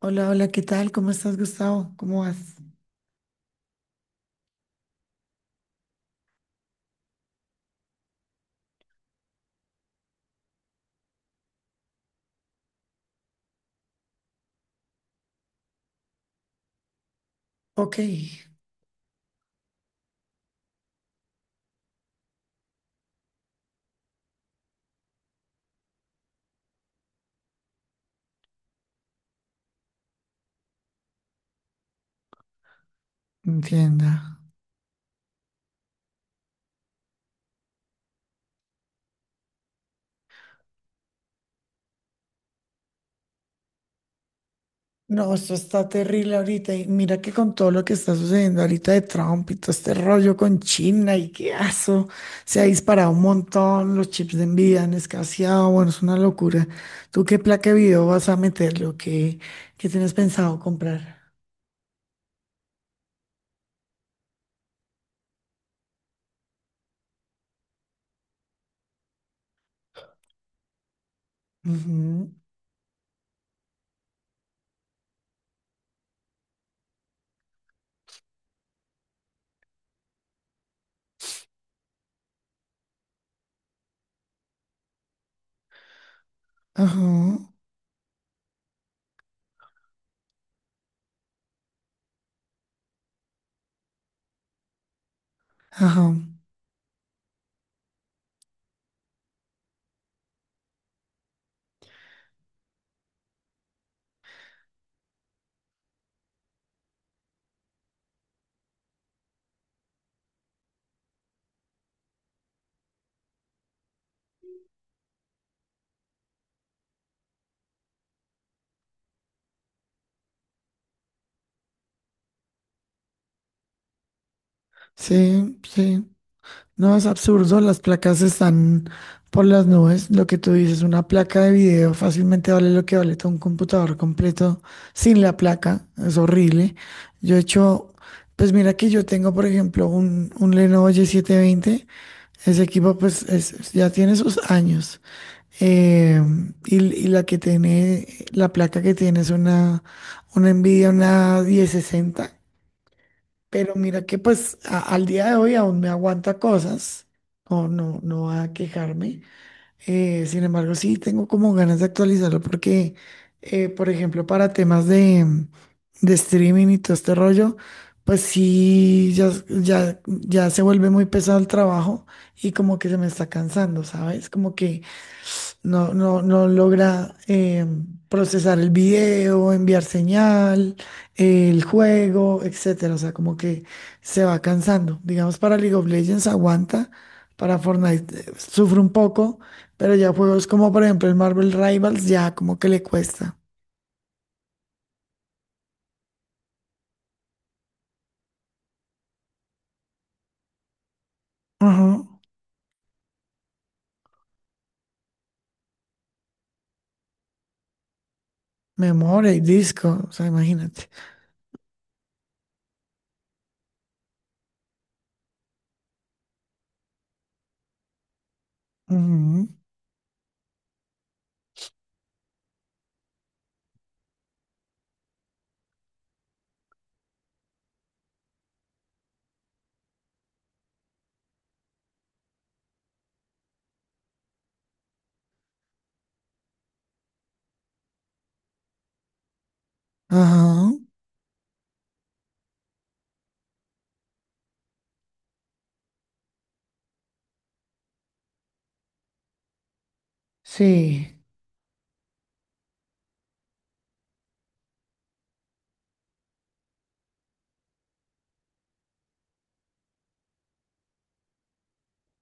Hola, hola, ¿qué tal? ¿Cómo estás, Gustavo? ¿Cómo vas? Ok, entienda. No, esto está terrible ahorita. Y mira que con todo lo que está sucediendo ahorita de Trump y todo este rollo con China y qué aso, se ha disparado un montón, los chips de envidia han escaseado, bueno, es una locura. ¿Tú qué placa de video vas a meter? ¿Qué tienes pensado comprar? Ujú. Ajá, ajá. Sí, sí. No, es absurdo, las placas están por las nubes. Lo que tú dices, una placa de video fácilmente vale lo que vale todo un computador completo sin la placa. Es horrible. Yo he hecho, pues mira que yo tengo, por ejemplo, un Lenovo y 720. Ese equipo pues ya tiene sus años. Eh, y la que tiene, la placa que tiene es una Nvidia, una 1060. Pero mira que pues al día de hoy aún me aguanta cosas, o no va a quejarme. Sin embargo, sí tengo como ganas de actualizarlo porque, por ejemplo, para temas de streaming y todo este rollo, pues sí, ya se vuelve muy pesado el trabajo y como que se me está cansando, ¿sabes? Como que no logra procesar el video, enviar señal, el juego, etcétera. O sea, como que se va cansando. Digamos, para League of Legends aguanta, para Fortnite sufre un poco, pero ya juegos como por ejemplo el Marvel Rivals ya como que le cuesta. Ajá. Memoria y disco, o sea, imagínate. Ujú. Ajá. Sí,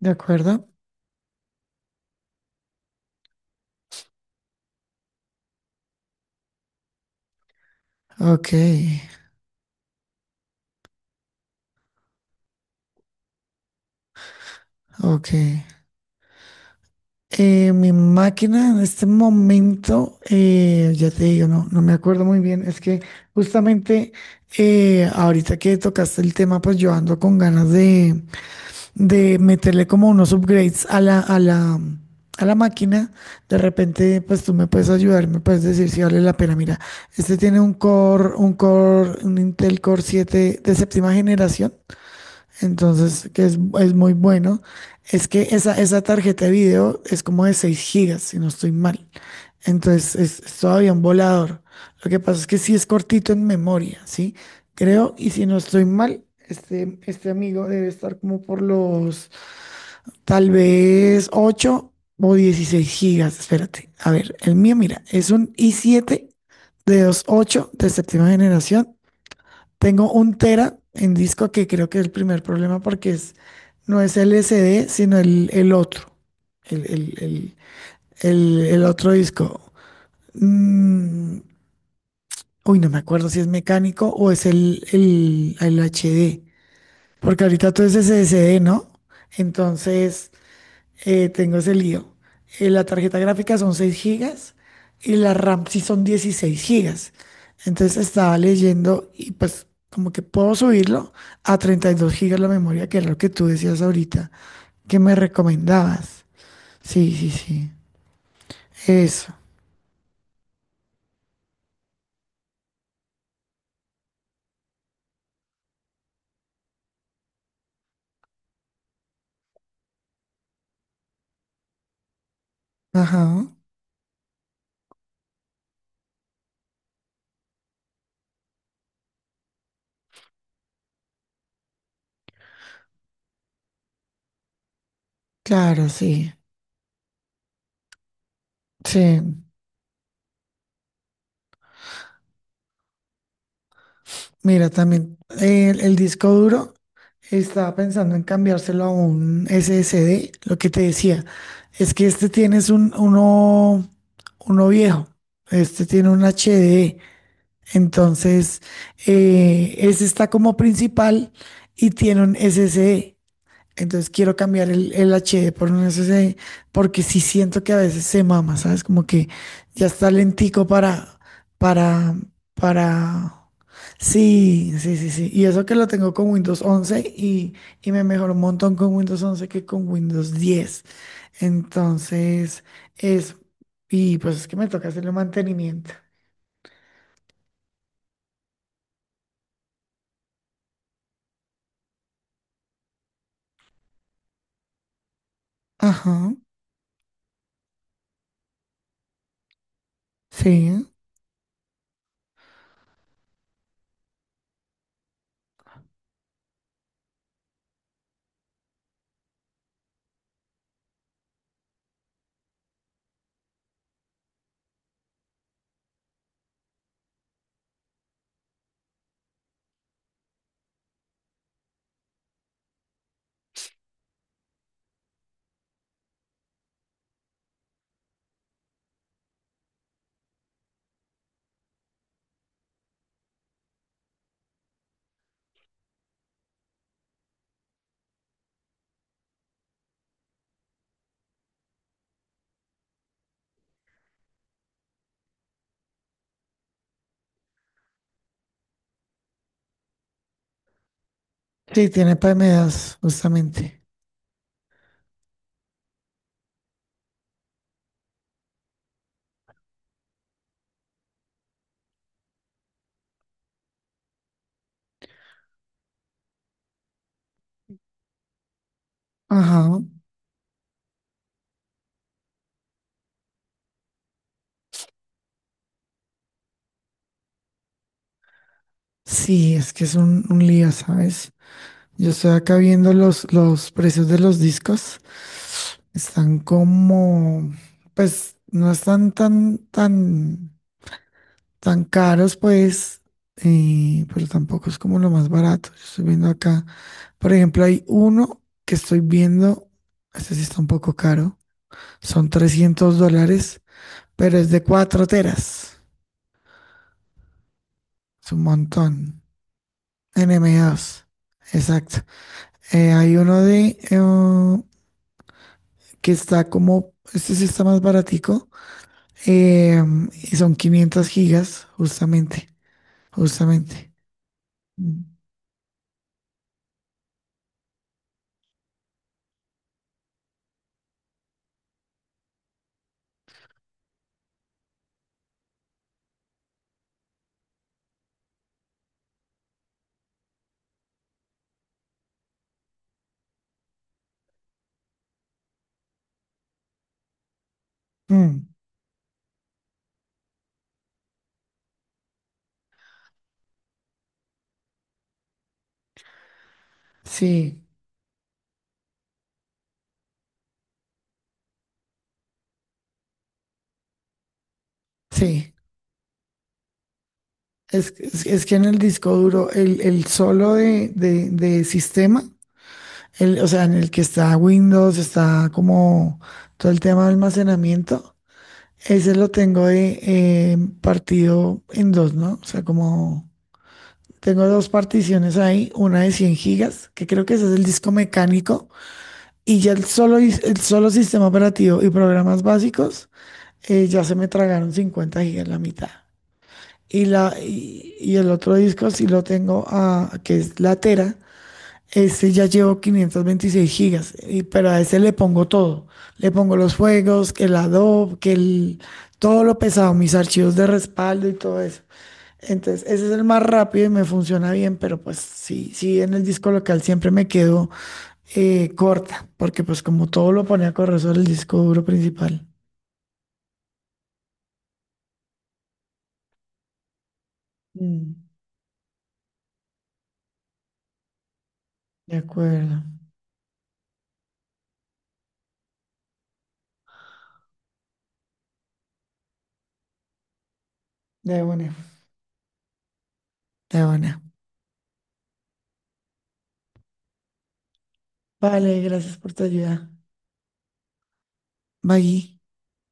de acuerdo. Ok, ok. Mi máquina en este momento, ya te digo, no me acuerdo muy bien. Es que justamente, ahorita que tocaste el tema, pues yo ando con ganas de meterle como unos upgrades a la máquina. De repente, pues tú me puedes ayudar, me puedes decir si vale la pena. Mira, este tiene un Intel Core 7 de séptima generación. Entonces, que es muy bueno, es que esa tarjeta de video es como de 6 gigas, si no estoy mal. Entonces, es todavía un volador. Lo que pasa es que sí es cortito en memoria, ¿sí? Creo, y si no estoy mal, este amigo debe estar como por los, tal vez, 8 o 16 gigas. Espérate, a ver, el mío, mira, es un i7 de 2.8 de séptima generación. Tengo un tera en disco que creo que es el primer problema porque no es el SD, sino el otro, el, el- el- el otro disco. Mm, uy, no me acuerdo si es mecánico o es el HD, porque ahorita todo es SSD, ¿no? Entonces, tengo ese lío. La tarjeta gráfica son 6 gigas y la RAM sí son 16 gigas. Entonces estaba leyendo y pues como que puedo subirlo a 32 gigas la memoria, que es lo que tú decías ahorita, que me recomendabas. Sí, sí, sí. Eso. Ajá. Claro, sí. Sí. Mira, también el disco duro estaba pensando en cambiárselo a un SSD. Lo que te decía es que este tienes uno viejo. Este tiene un HD. Entonces, ese está como principal y tiene un SSD. Entonces quiero cambiar el HD por un SSD porque sí siento que a veces se mama, ¿sabes? Como que ya está lentico para, para. Sí, sí, sí, sí. Y eso que lo tengo con Windows 11 y me mejoró un montón con Windows 11 que con Windows 10. Entonces, es... Y pues es que me toca hacerle mantenimiento. Ajá, sí. Sí, tiene PMDAs, justamente. Ajá. Sí, es que es un lío, ¿sabes? Yo estoy acá viendo los precios de los discos. Están como, pues no están tan caros, pues, pero tampoco es como lo más barato. Yo estoy viendo acá, por ejemplo, hay uno que estoy viendo, este sí está un poco caro, son $300, pero es de 4 teras. Es un montón. En m M2. Exacto. Hay uno de que está como, este sí está más baratico, eh, y son 500 gigas, justamente, justamente. Mm. Mm, sí, sí. Es que en el disco duro, el solo de sistema, el, o sea, en el que está Windows, está como todo el tema de almacenamiento, ese lo tengo de, partido en dos, ¿no? O sea, como tengo dos particiones ahí, una de 100 gigas, que creo que ese es el disco mecánico. Y ya el solo sistema operativo y programas básicos, ya se me tragaron 50 gigas, la mitad. Y el otro disco sí lo tengo, a, que es la Tera, este ya llevo 526 gigas, y, pero a ese le pongo todo. Le pongo los juegos, que el Adobe, todo lo pesado, mis archivos de respaldo y todo eso. Entonces, ese es el más rápido y me funciona bien, pero pues sí, sí, en el disco local siempre me quedo corta, porque pues como todo lo pone a correr sobre el disco duro principal. Mm, de acuerdo. De buena. De buena. Vale, gracias por tu ayuda. Bye.